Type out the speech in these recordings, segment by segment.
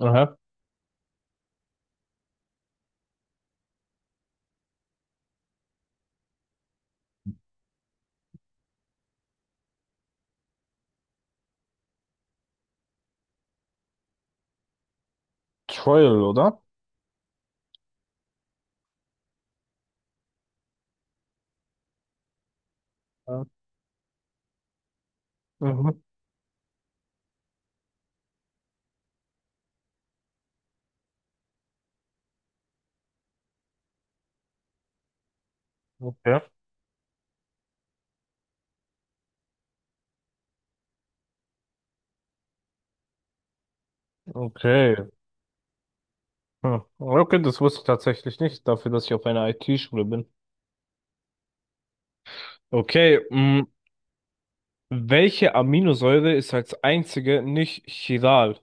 Aha, Trial, oder? Ja. Mhm. Okay, okay. Hm. Okay, das wusste ich tatsächlich nicht, dafür, dass ich auf einer IT-Schule bin. Okay, mh, welche Aminosäure ist als einzige nicht chiral?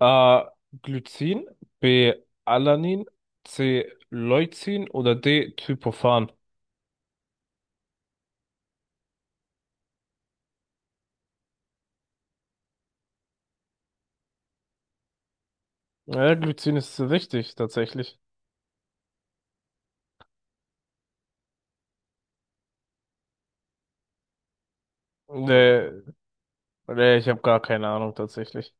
A. Glycin, B. Alanin, C. Leucin oder D. Tryptophan? Ja, Glycin ist richtig, tatsächlich. Nee, nee, ich habe gar keine Ahnung, tatsächlich.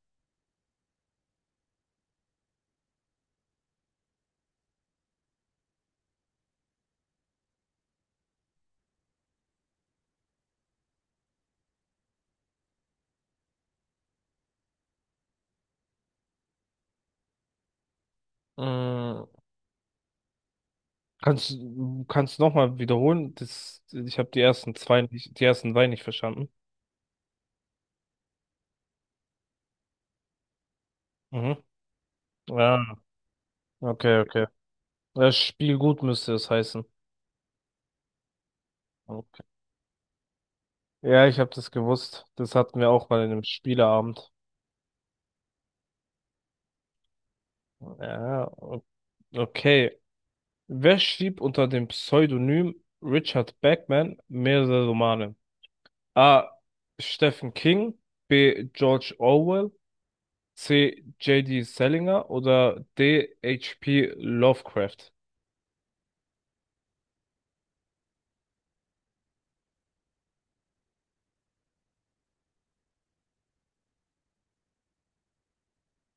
Mm, kannst du kannst noch mal wiederholen? Das, ich habe die ersten zwei nicht verstanden. Mhm. Ja, okay, okay. Das Spiel gut müsste es heißen. Okay. Ja, ich habe das gewusst. Das hatten wir auch mal in einem Spieleabend. Ja, okay. Wer schrieb unter dem Pseudonym Richard Bachman mehrere Romane? A. Stephen King, B. George Orwell, C. J.D. Salinger oder D. H.P. Lovecraft?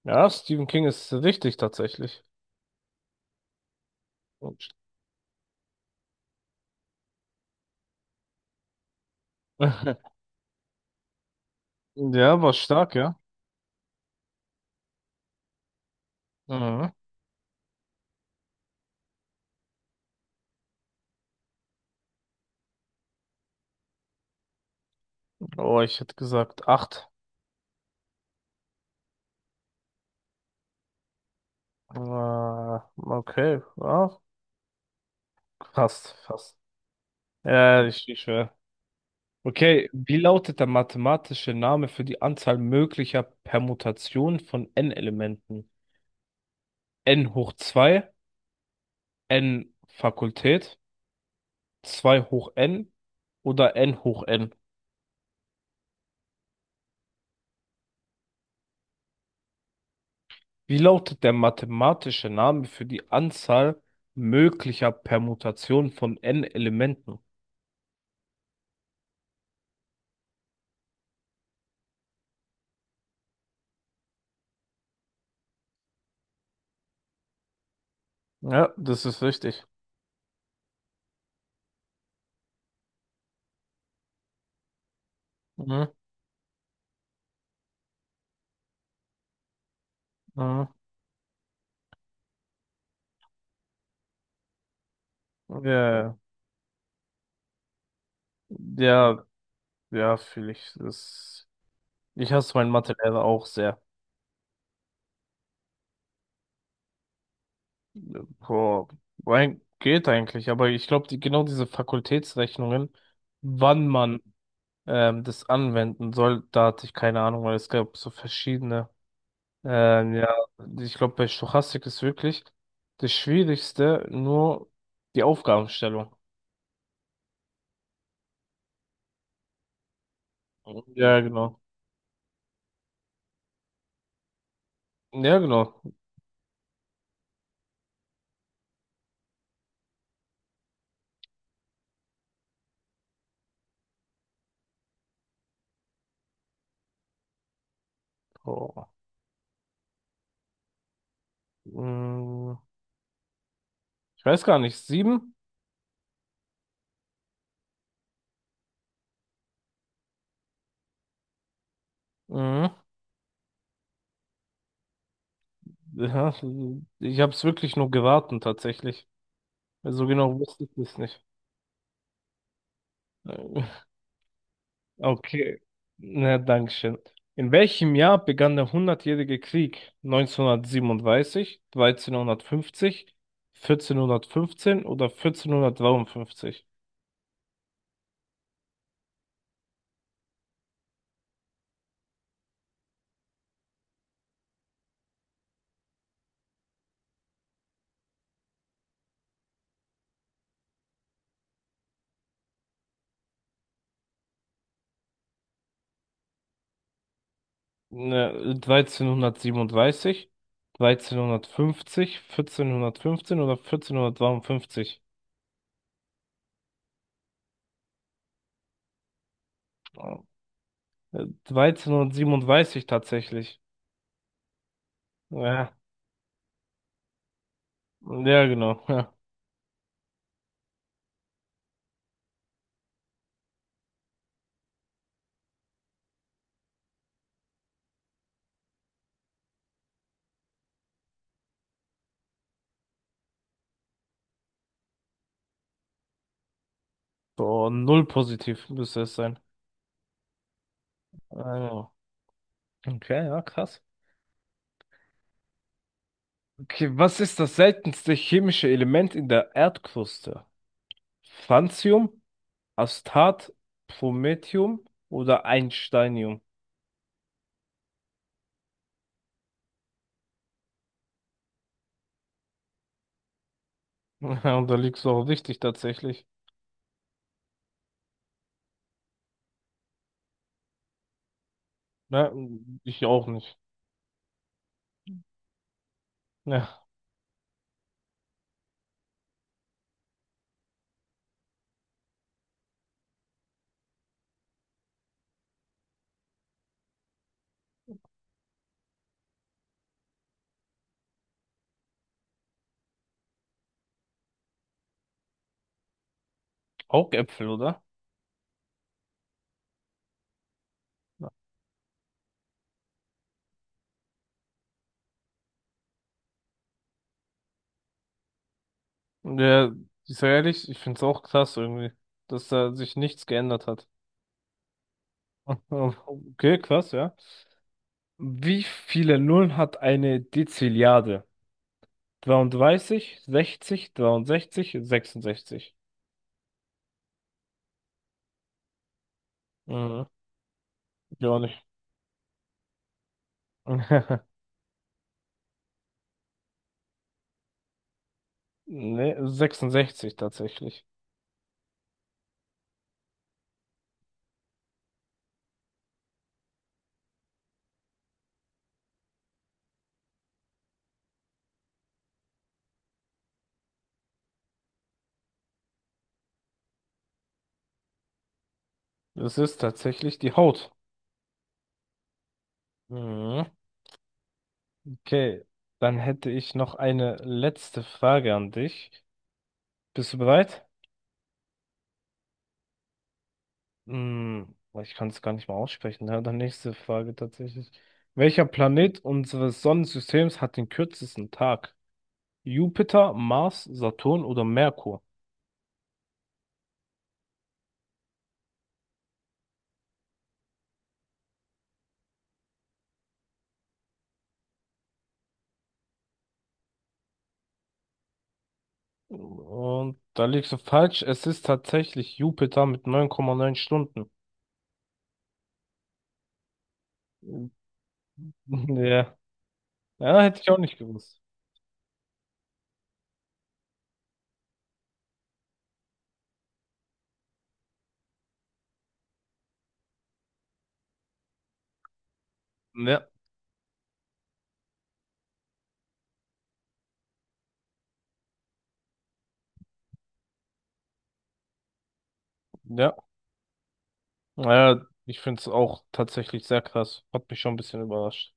Ja, Stephen King ist richtig tatsächlich. Und- Ja, war stark, ja. Mhm. Oh, ich hätte gesagt acht. Äh, okay, ja, fast, fast. Ja, richtig schwer. Okay, wie lautet der mathematische Name für die Anzahl möglicher Permutationen von n-Elementen? N hoch 2, n Fakultät, 2 hoch n oder n hoch n? Wie lautet der mathematische Name für die Anzahl möglicher Permutationen von n-Elementen? Ja, das ist richtig. Mhm. Mhm. Ja, ja, ja, fühle ich. Das, ich hasse meinen Mathelehrer auch sehr. Boah, geht eigentlich, aber ich glaube, die, genau diese Fakultätsrechnungen, wann man das anwenden soll, da hatte ich keine Ahnung, weil es gab so verschiedene. Ja, ich glaube, bei Stochastik ist wirklich das Schwierigste nur die Aufgabenstellung. Ja, genau. Ja, genau. Oh. Mm, ich weiß gar nicht. Sieben? Mhm. Ja, ich habe es wirklich nur geraten, tatsächlich. So genau wusste ich es nicht. Okay, na, Dankeschön. In welchem Jahr begann der Hundertjährige Krieg? Neunzehnhundertsiebenunddreißig, dreizehnhundertfünfzig, vierzehnhundertfünfzehn oder 1453? Ne dreizehnhundertsiebenunddreißig, dreizehnhundertfünfzig, vierzehnhundertfünfzehn oder 1453? Äh, 1337 tatsächlich. Ja, ja, genau. Ja. So, null positiv müsste es sein. Ah, ja, okay, ja, krass. Okay, was ist das seltenste chemische Element in der Erdkruste? Francium, Astat, Promethium oder Einsteinium? Ja, und da liegst du auch richtig tatsächlich. Ne, ich auch nicht. Ja, Augäpfel, oder? Ja, Ja, ich sag ehrlich, ich find's auch krass irgendwie, dass da sich nichts geändert hat. Okay, krass, ja. Wie viele Nullen hat eine Dezilliarde? 33, 60, 63, 66. Mhm. Gar nicht. Nee, 66 tatsächlich. Es ist tatsächlich die Haut. Mhm. Okay, dann hätte ich noch eine letzte Frage an dich. Bist du bereit? Hm, ich kann es gar nicht mal aussprechen. Ja, dann nächste Frage tatsächlich. Welcher Planet unseres Sonnensystems hat den kürzesten Tag? Jupiter, Mars, Saturn oder Merkur? Und da liegst du falsch. Es ist tatsächlich Jupiter mit neun Komma neun Stunden. Ja, Ja, hätte ich auch nicht gewusst. Ja, ja. Naja, ich finde es auch tatsächlich sehr krass. Hat mich schon ein bisschen überrascht.